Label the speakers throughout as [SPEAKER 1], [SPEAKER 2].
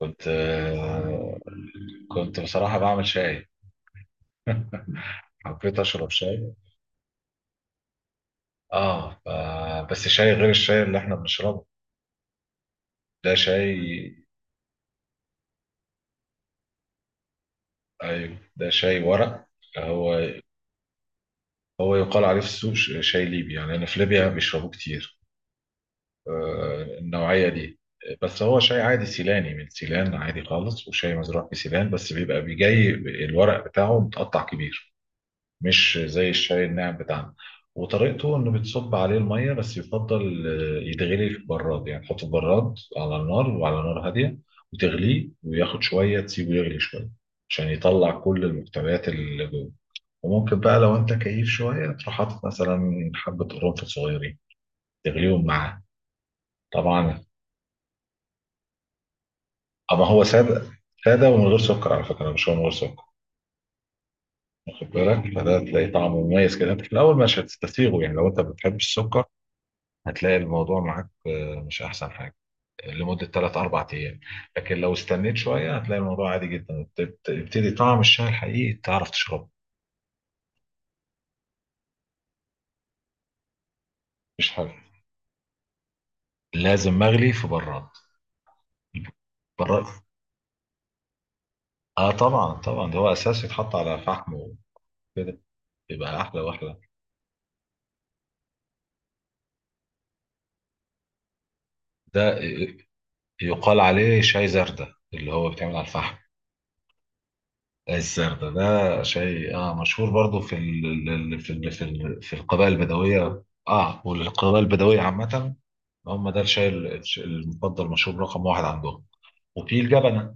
[SPEAKER 1] كنت آه، كنت بصراحة بعمل شاي. حبيت أشرب شاي. بس شاي غير الشاي اللي إحنا بنشربه. ده شاي. أيوة، ده شاي ورق. هو هو يقال عليه في السوق شاي ليبي. يعني أنا في ليبيا بيشربوه كتير. النوعية دي. بس هو شاي عادي سيلاني من سيلان، عادي خالص، وشاي مزروع في سيلان، بس بيبقى بيجي الورق بتاعه متقطع كبير، مش زي الشاي الناعم بتاعنا. وطريقته انه بتصب عليه الميه، بس يفضل يتغلي في براد. يعني تحط في براد على النار، وعلى نار هاديه وتغليه، وياخد شويه تسيبه يغلي شويه عشان يطلع كل المحتويات اللي جوه. وممكن بقى لو انت كيف شويه تروح حاطط مثلا حبه قرنفل صغيرين تغليهم معاه. طبعا. اما هو ساده. ساده ومن غير سكر على فكره، مش هو من غير سكر. واخد بالك، فده تلاقي طعمه مميز كده. انت في الاول مش هتستسيغه، يعني لو انت ما بتحبش السكر هتلاقي الموضوع معاك مش احسن حاجه لمده 3 4 ايام. لكن لو استنيت شويه هتلاقي الموضوع عادي جدا، يبتدي طعم الشاي الحقيقي تعرف تشربه. مش حاجه. لازم مغلي في براد. براد. اه، طبعا طبعا. ده هو اساس يتحط على فحم وكده، يبقى احلى واحلى. ده ي- يقال عليه شاي زردة اللي هو بيتعمل على الفحم. الزردة ده شاي مشهور برضو في ال... ال- ال- في ال... في ال... في القبائل البدوية. اه والقبائل البدوية عامة، هم ده الشاي المفضل، مشروب رقم واحد عندهم. وفي الجبنة.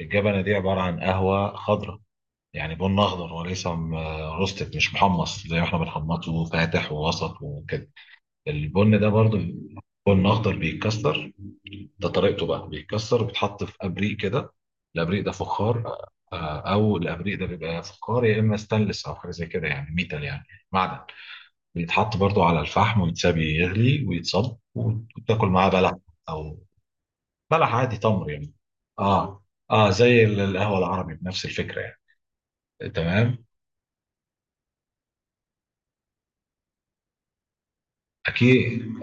[SPEAKER 1] الجبنة دي عبارة عن قهوة خضراء. يعني بن أخضر، وليس روستد. مش محمص زي ما احنا بنحمصه فاتح ووسط وكده. البن ده برضو بن أخضر بيتكسر. ده طريقته بقى، بيتكسر وبيتحط في أبريق كده. الأبريق ده فخار. أو الأبريق ده بيبقى يا فخار، يا إما ستانلس، أو حاجة زي كده يعني ميتال، يعني معدن. بيتحط برضو على الفحم ويتساب يغلي ويتصب، وتاكل معاه بلح. أو بلح عادي، تمر يعني. اه، اه، زي القهوه العربي بنفس الفكره يعني. تمام. اكيد.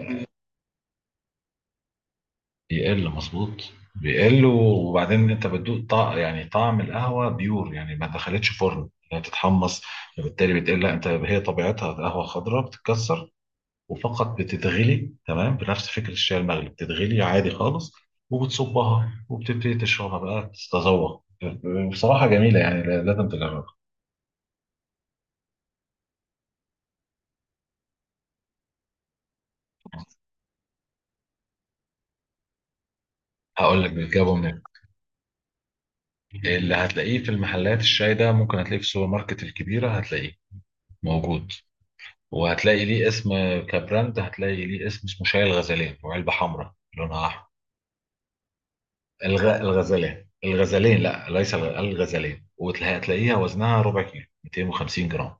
[SPEAKER 1] يقل، مظبوط. بيقل. وبعدين انت بتدوق يعني طعم القهوه بيور، يعني ما دخلتش فرن لا تتحمص، فبالتالي بتقل. لا انت، هي طبيعتها قهوه خضراء بتتكسر، وفقط بتتغلي. تمام. بنفس فكره الشاي المغلي بتتغلي عادي خالص، وبتصبها وبتبتدي تشربها بقى، تتذوق. بصراحه جميله، يعني لازم تجربها. هقول لك، بيجابوا من، اللي هتلاقيه في المحلات الشاي ده ممكن هتلاقيه في السوبر ماركت الكبيرة، هتلاقيه موجود. وهتلاقي ليه اسم كبراند، هتلاقي ليه اسم، اسمه شاي الغزلان، وعلبة حمراء لونها أحمر. الغزلان، الغزلان، لا ليس الغزلان، وهتلاقيها وزنها ربع كيلو 250 جرام.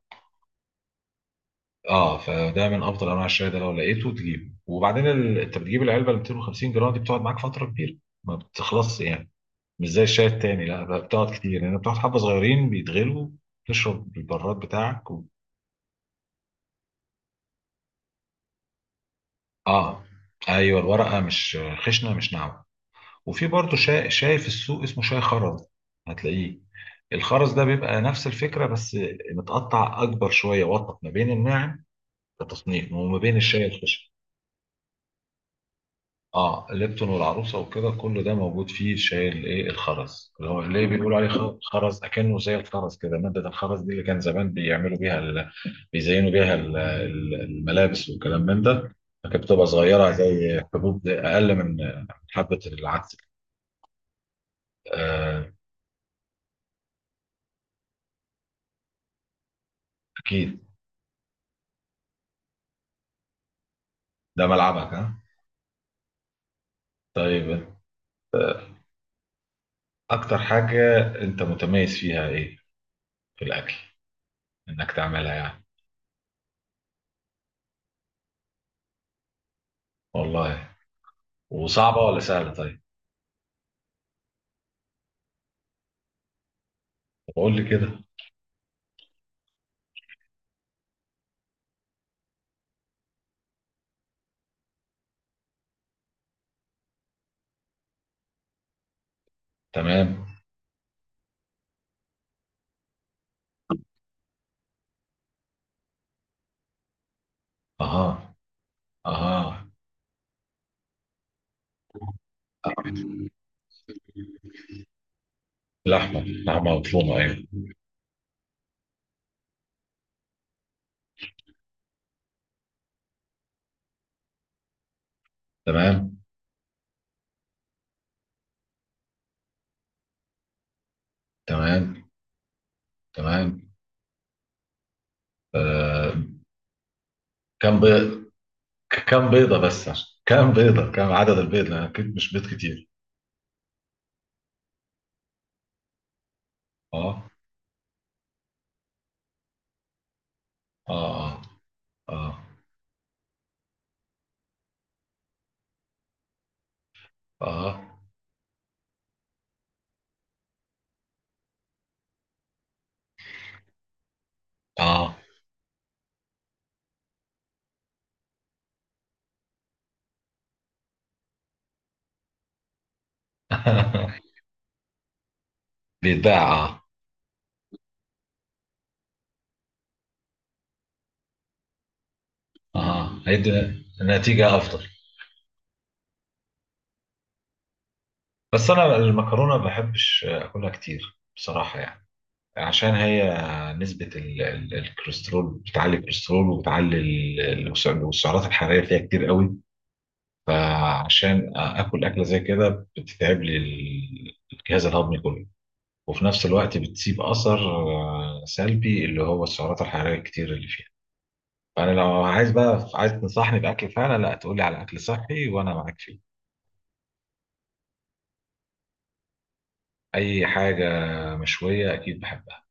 [SPEAKER 1] اه فده من افضل انواع الشاي. ده لو لقيته تجيبه، وبعدين انت بتجيب العلبه ال 250 جرام دي، بتقعد معاك فتره كبيره، ما بتخلصش يعني، مش زي الشاي التاني. لا بقى، بتقعد كتير لان يعني بتقعد حبه صغيرين بيتغلوا، تشرب البراد بتاعك. اه، ايوه، الورقه مش خشنه، مش ناعمه. وفي برضه شاي في السوق اسمه شاي خرز، هتلاقيه. الخرز ده بيبقى نفس الفكره، بس متقطع اكبر شويه، وسط ما بين الناعم كتصنيف، وما بين الشاي الخشن. اه، ليبتون والعروسه وكده، كل ده موجود فيه الشاي الايه الخرز، اللي هو ليه بيقولوا عليه خرز، اكنه زي الخرز كده، ماده الخرز دي اللي كان زمان بيعملوا بيها، بيزينوا بيها الملابس والكلام من ده. لكن بتبقى صغيرة زي حبوب، أقل من حبة العدس. آه. أكيد. ده ملعبك، ها. طيب. أكتر حاجة أنت متميز فيها إيه في الأكل، إنك تعملها يعني؟ والله. وصعبة ولا سهلة، طيب؟ طب قول لي كده. تمام. أها، أها. لحمة، لحمة مفرومة، أيوه. تمام. تمام. تمام. آه، كم بيض؟ كام بيضة بس؟ كام عدد البيض؟ لأن أكيد مش بيض كتير. اه. اه. اه. اه. اه. اه. بيتباع، اه. اه، هيدي نتيجة أفضل. بس أنا المكرونة ما بحبش أكلها كتير بصراحة، يعني عشان هي نسبة الكوليسترول بتعلي الكوليسترول، وبتعلي السعرات الحرارية فيها كتير قوي. فعشان آكل أكلة زي كده، بتتعب لي الجهاز الهضمي كله. وفي نفس الوقت بتسيب أثر سلبي، اللي هو السعرات الحرارية الكتير اللي فيها. فأنا لو عايز بقى، عايز تنصحني بأكل فعلا، لا تقولي على أكل صحي وأنا معاك فيه. أي حاجة مشوية أكيد بحبها.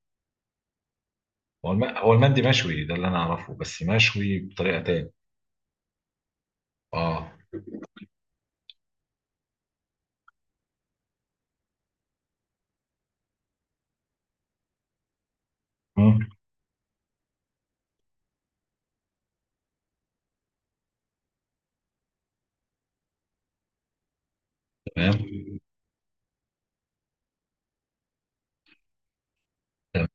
[SPEAKER 1] هو هو المندي مشوي ده اللي أنا أعرفه، بس مشوي بطريقة تاني. أه. مم. تمام. تمام.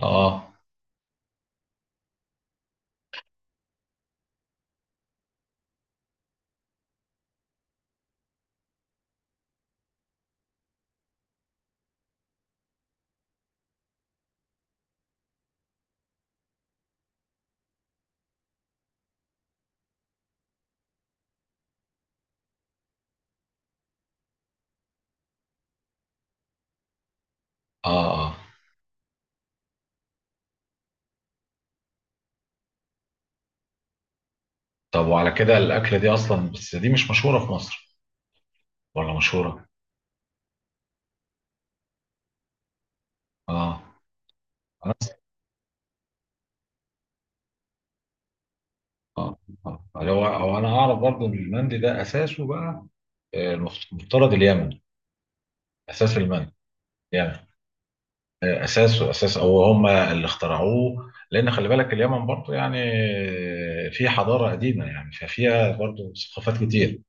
[SPEAKER 1] اه. اه. اه. طب، وعلى كده الاكله دي اصلا، بس دي مش مشهوره في مصر ولا مشهوره؟ اه. انا أص- اه. آه. هو انا اعرف برضو ان المندي ده اساسه بقى، المفترض اليمن، اساس المنهج يعني، اساسه اساس، او هم اللي اخترعوه، لان خلي بالك اليمن برضو يعني في حضاره قديمه، يعني ففيها برضو ثقافات كتير.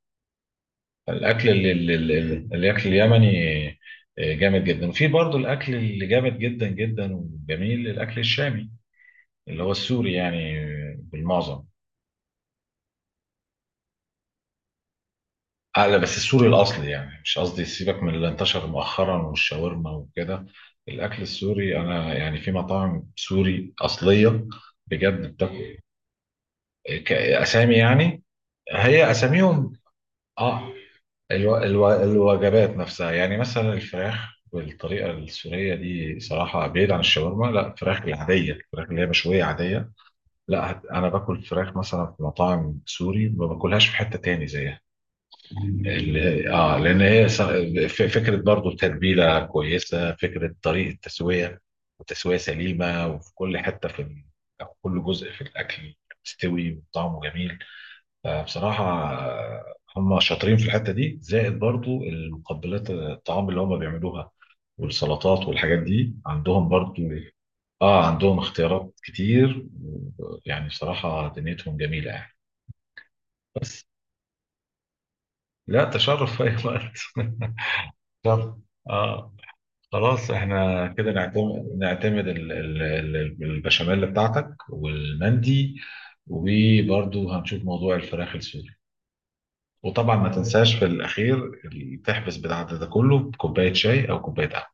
[SPEAKER 1] الاكل الاكل اليمني جامد جدا. وفي برضو الاكل اللي جامد جدا جدا وجميل، الاكل الشامي اللي هو السوري يعني، بالمعظم. لا، بس السوري الأصلي يعني، مش قصدي، سيبك من اللي انتشر مؤخرا والشاورما وكده، الأكل السوري أنا يعني في مطاعم سوري أصلية بجد بتاكل. أسامي يعني، هي أساميهم. آه. الوجبات نفسها يعني، مثلا الفراخ بالطريقة السورية دي صراحة، بعيد عن الشاورما، لا، الفراخ العادية، الفراخ اللي هي مشوية عادية. لا، أنا باكل فراخ مثلا في مطاعم سوري، ما باكلهاش في حتة تاني زيها. اللي لان هي فكره برضو تتبيله كويسه، فكره طريقه تسويه وتسويه سليمه. وفي كل حته في أو كل جزء في الاكل، مستوي وطعمه جميل. فبصراحه هم شاطرين في الحته دي، زائد برضو المقبلات الطعام اللي هم بيعملوها والسلطات والحاجات دي عندهم برضو. اه، عندهم اختيارات كتير، يعني بصراحه دنيتهم جميله يعني. بس لا، تشرف في اي وقت تشرف. اه. خلاص، احنا كده نعتمد البشاميل بتاعتك والمندي، وبرضه هنشوف موضوع الفراخ السوري. وطبعا ما تنساش في الاخير، تحبس بتاع ده كله بكوبايه شاي او كوبايه قهوه.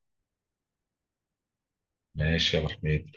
[SPEAKER 1] ماشي يا ابو حميد.